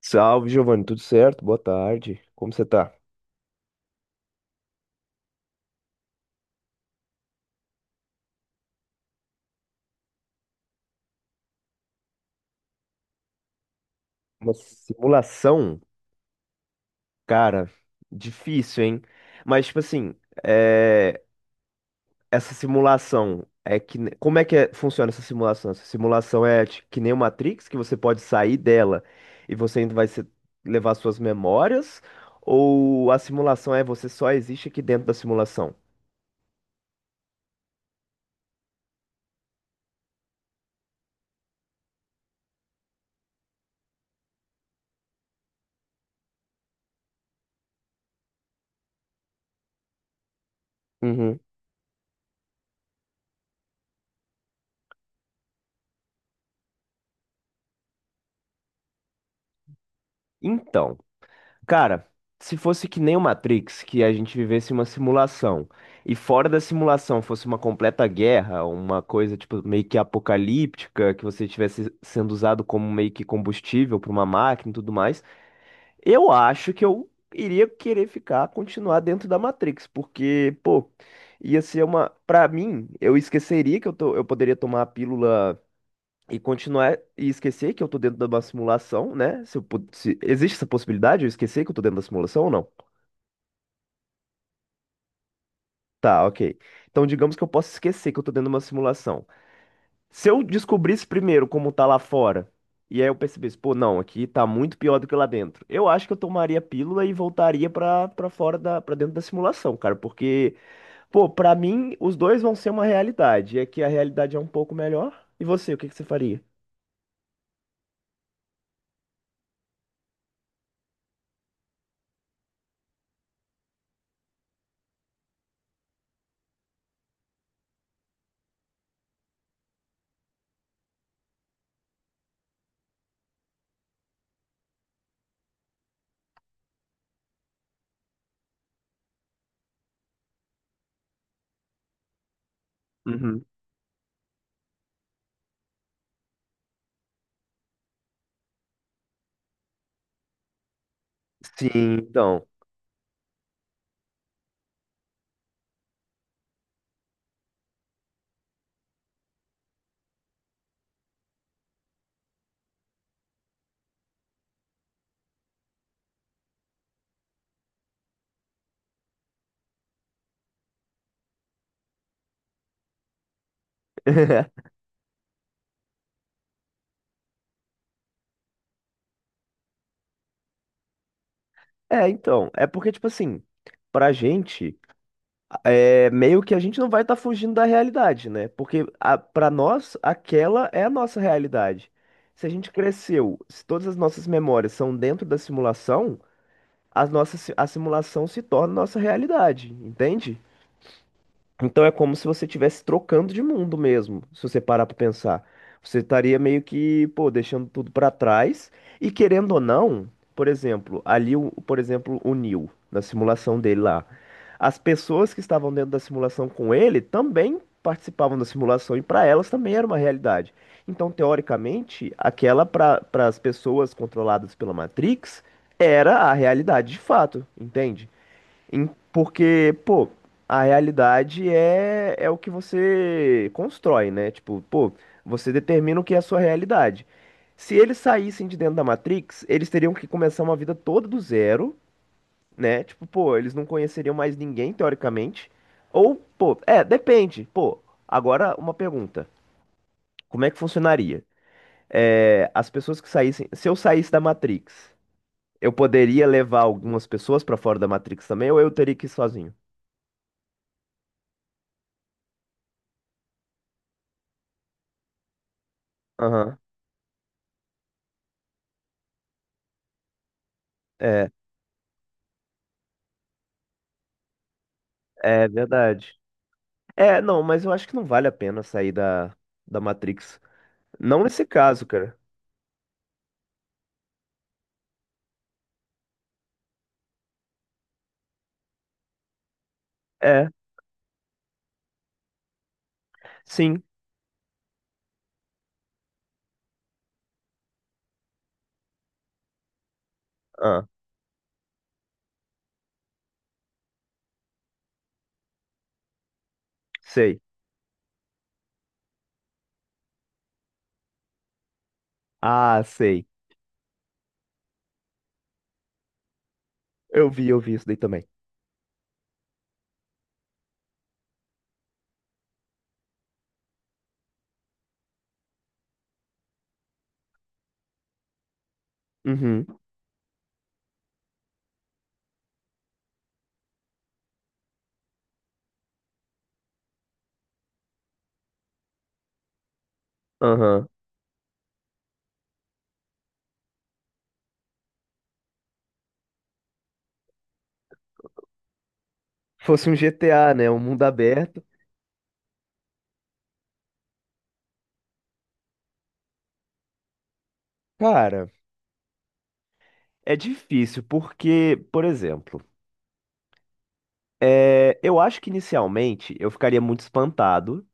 Salve, Giovanni, tudo certo? Boa tarde. Como você tá? Uma simulação, cara, difícil, hein? Mas, tipo assim, é, essa simulação é que. Como é que funciona essa simulação? Essa simulação é que nem o Matrix, que você pode sair dela e você ainda vai levar suas memórias? Ou a simulação é você só existe aqui dentro da simulação? Uhum. Então. Cara, se fosse que nem o Matrix, que a gente vivesse uma simulação, e fora da simulação fosse uma completa guerra, uma coisa tipo meio que apocalíptica, que você estivesse sendo usado como meio que combustível para uma máquina e tudo mais, eu acho que eu iria querer ficar, continuar dentro da Matrix, porque, pô, ia ser uma, para mim, eu esqueceria que eu tô, eu poderia tomar a pílula e continuar e esquecer que eu tô dentro de uma simulação, né? Se eu existe essa possibilidade, eu esquecer que eu tô dentro da simulação ou não? Tá, ok. Então, digamos que eu possa esquecer que eu tô dentro de uma simulação. Se eu descobrisse primeiro como tá lá fora, e aí eu percebesse, pô, não, aqui tá muito pior do que lá dentro. Eu acho que eu tomaria a pílula e voltaria pra, pra dentro da simulação, cara, porque, pô, pra mim, os dois vão ser uma realidade. É que a realidade é um pouco melhor. E você, o que que você faria? Uhum. Sim, então. É porque, tipo assim, pra gente, é meio que a gente não vai estar fugindo da realidade, né? Porque pra nós, aquela é a nossa realidade. Se a gente cresceu, se todas as nossas memórias são dentro da simulação, as a simulação se torna nossa realidade, entende? Então é como se você estivesse trocando de mundo mesmo, se você parar pra pensar. Você estaria meio que, pô, deixando tudo pra trás e querendo ou não, por exemplo, ali, por exemplo, o Neo, na simulação dele lá. As pessoas que estavam dentro da simulação com ele também participavam da simulação e pra elas também era uma realidade. Então, teoricamente, aquela para as pessoas controladas pela Matrix era a realidade de fato, entende? Porque, pô, a realidade é o que você constrói, né? Tipo, pô, você determina o que é a sua realidade. Se eles saíssem de dentro da Matrix, eles teriam que começar uma vida toda do zero, né? Tipo, pô, eles não conheceriam mais ninguém, teoricamente. Ou, pô, depende. Pô, agora uma pergunta. Como é que funcionaria? É, as pessoas que saíssem. Se eu saísse da Matrix, eu poderia levar algumas pessoas pra fora da Matrix também, ou eu teria que ir sozinho? Aham. É verdade. É, não, mas eu acho que não vale a pena sair da Matrix. Não nesse caso, cara. É, sim. Ah, sei. Ah, sei. Eu vi isso daí também. Uhum, aham. Fosse um GTA, né? Um mundo aberto. Cara, é difícil porque, por exemplo, eu acho que inicialmente eu ficaria muito espantado.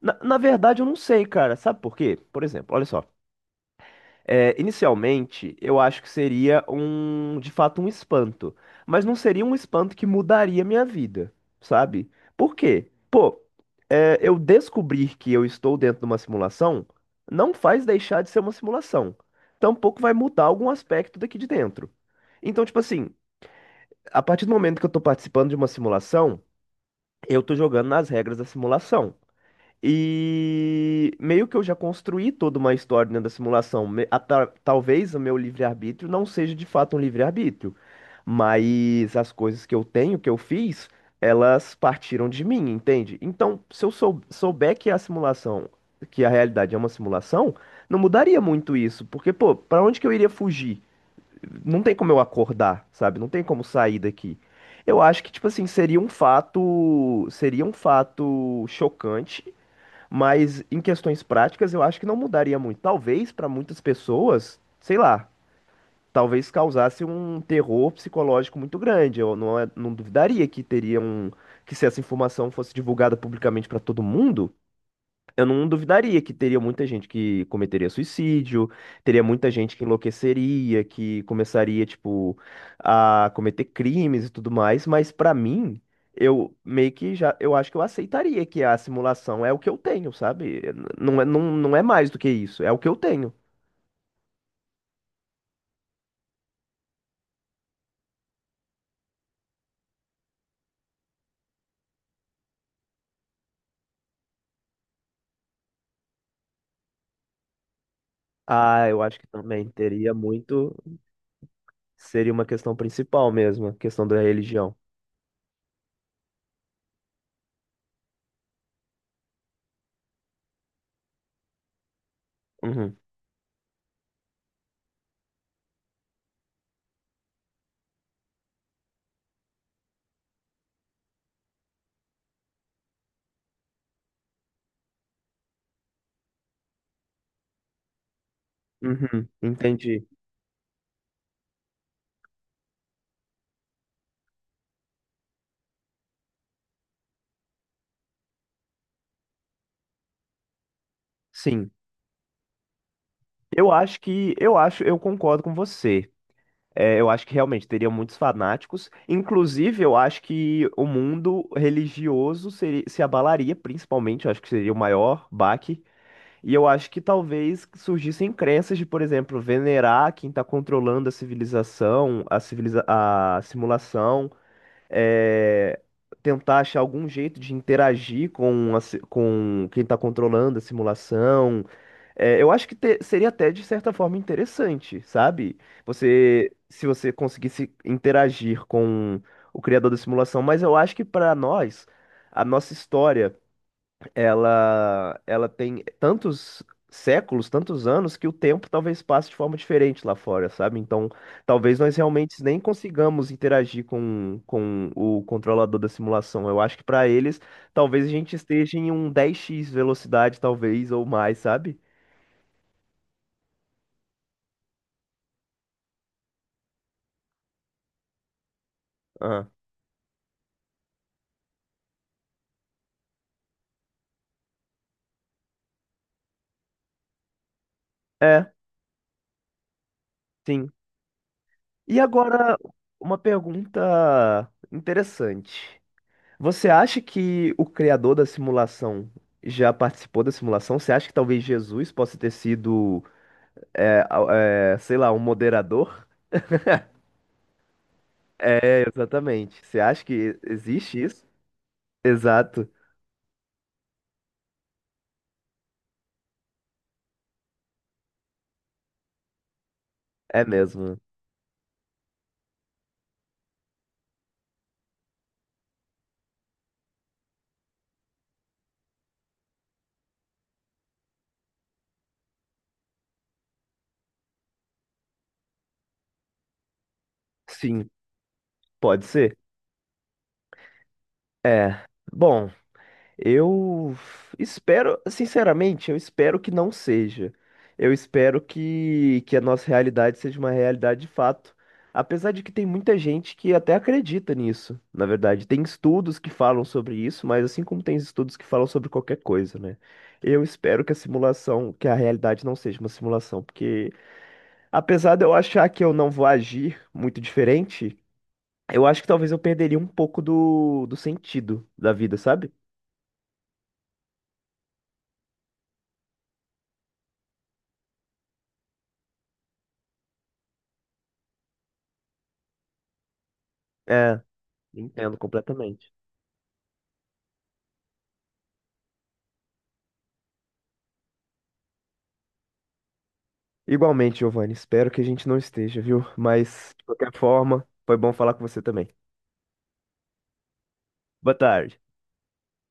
Na verdade, eu não sei, cara. Sabe por quê? Por exemplo, olha só. É, inicialmente, eu acho que seria um, de fato, um espanto. Mas não seria um espanto que mudaria minha vida, sabe? Por quê? Pô, eu descobrir que eu estou dentro de uma simulação não faz deixar de ser uma simulação. Tampouco vai mudar algum aspecto daqui de dentro. Então, tipo assim, a partir do momento que eu tô participando de uma simulação, eu tô jogando nas regras da simulação. E meio que eu já construí toda uma história dentro da simulação. Talvez o meu livre-arbítrio não seja de fato um livre-arbítrio, mas as coisas que eu tenho, que eu fiz, elas partiram de mim, entende? Então, se eu souber que a simulação, que a realidade é uma simulação, não mudaria muito isso, porque, pô, pra onde que eu iria fugir? Não tem como eu acordar, sabe? Não tem como sair daqui. Eu acho que, tipo assim, seria um fato chocante, mas em questões práticas, eu acho que não mudaria muito. Talvez para muitas pessoas, sei lá, talvez causasse um terror psicológico muito grande. Eu não, é, não duvidaria que teria um, que se essa informação fosse divulgada publicamente para todo mundo, eu não duvidaria que teria muita gente que cometeria suicídio, teria muita gente que enlouqueceria, que começaria, tipo, a cometer crimes e tudo mais, mas pra mim, eu meio que já, eu acho que eu aceitaria que a simulação é o que eu tenho, sabe? Não não é mais do que isso, é o que eu tenho. Ah, eu acho que também teria muito, seria uma questão principal mesmo, a questão da religião. Uhum, uhum, entendi. Sim. Eu acho que, eu acho, eu concordo com você. É, eu acho que realmente teria muitos fanáticos. Inclusive, eu acho que o mundo religioso se abalaria, principalmente. Eu acho que seria o maior baque. E eu acho que talvez surgissem crenças de, por exemplo, venerar quem está controlando a civilização, a, civiliza a simulação, é, tentar achar algum jeito de interagir com, com quem está controlando a simulação. É, eu acho que seria até de certa forma interessante, sabe? Você, se você conseguisse interagir com o criador da simulação, mas eu acho que para nós, a nossa história, ela tem tantos séculos, tantos anos que o tempo talvez passe de forma diferente lá fora, sabe? Então, talvez nós realmente nem consigamos interagir com o controlador da simulação. Eu acho que para eles, talvez a gente esteja em um 10x velocidade, talvez ou mais, sabe? É, sim. E agora, uma pergunta interessante. Você acha que o criador da simulação já participou da simulação? Você acha que talvez Jesus possa ter sido, sei lá, um moderador? É, exatamente. Você acha que existe isso? Exato. É mesmo. Sim, pode ser. É. Bom. Eu espero, sinceramente, eu espero que não seja. Que a nossa realidade seja uma realidade de fato. Apesar de que tem muita gente que até acredita nisso, na verdade. Tem estudos que falam sobre isso, mas assim como tem estudos que falam sobre qualquer coisa, né? Eu espero que a simulação, que a realidade não seja uma simulação, porque apesar de eu achar que eu não vou agir muito diferente, eu acho que talvez eu perderia um pouco do sentido da vida, sabe? É. Entendo completamente. Igualmente, Giovanni, espero que a gente não esteja, viu? Mas, de qualquer forma, foi bom falar com você também. Boa tarde.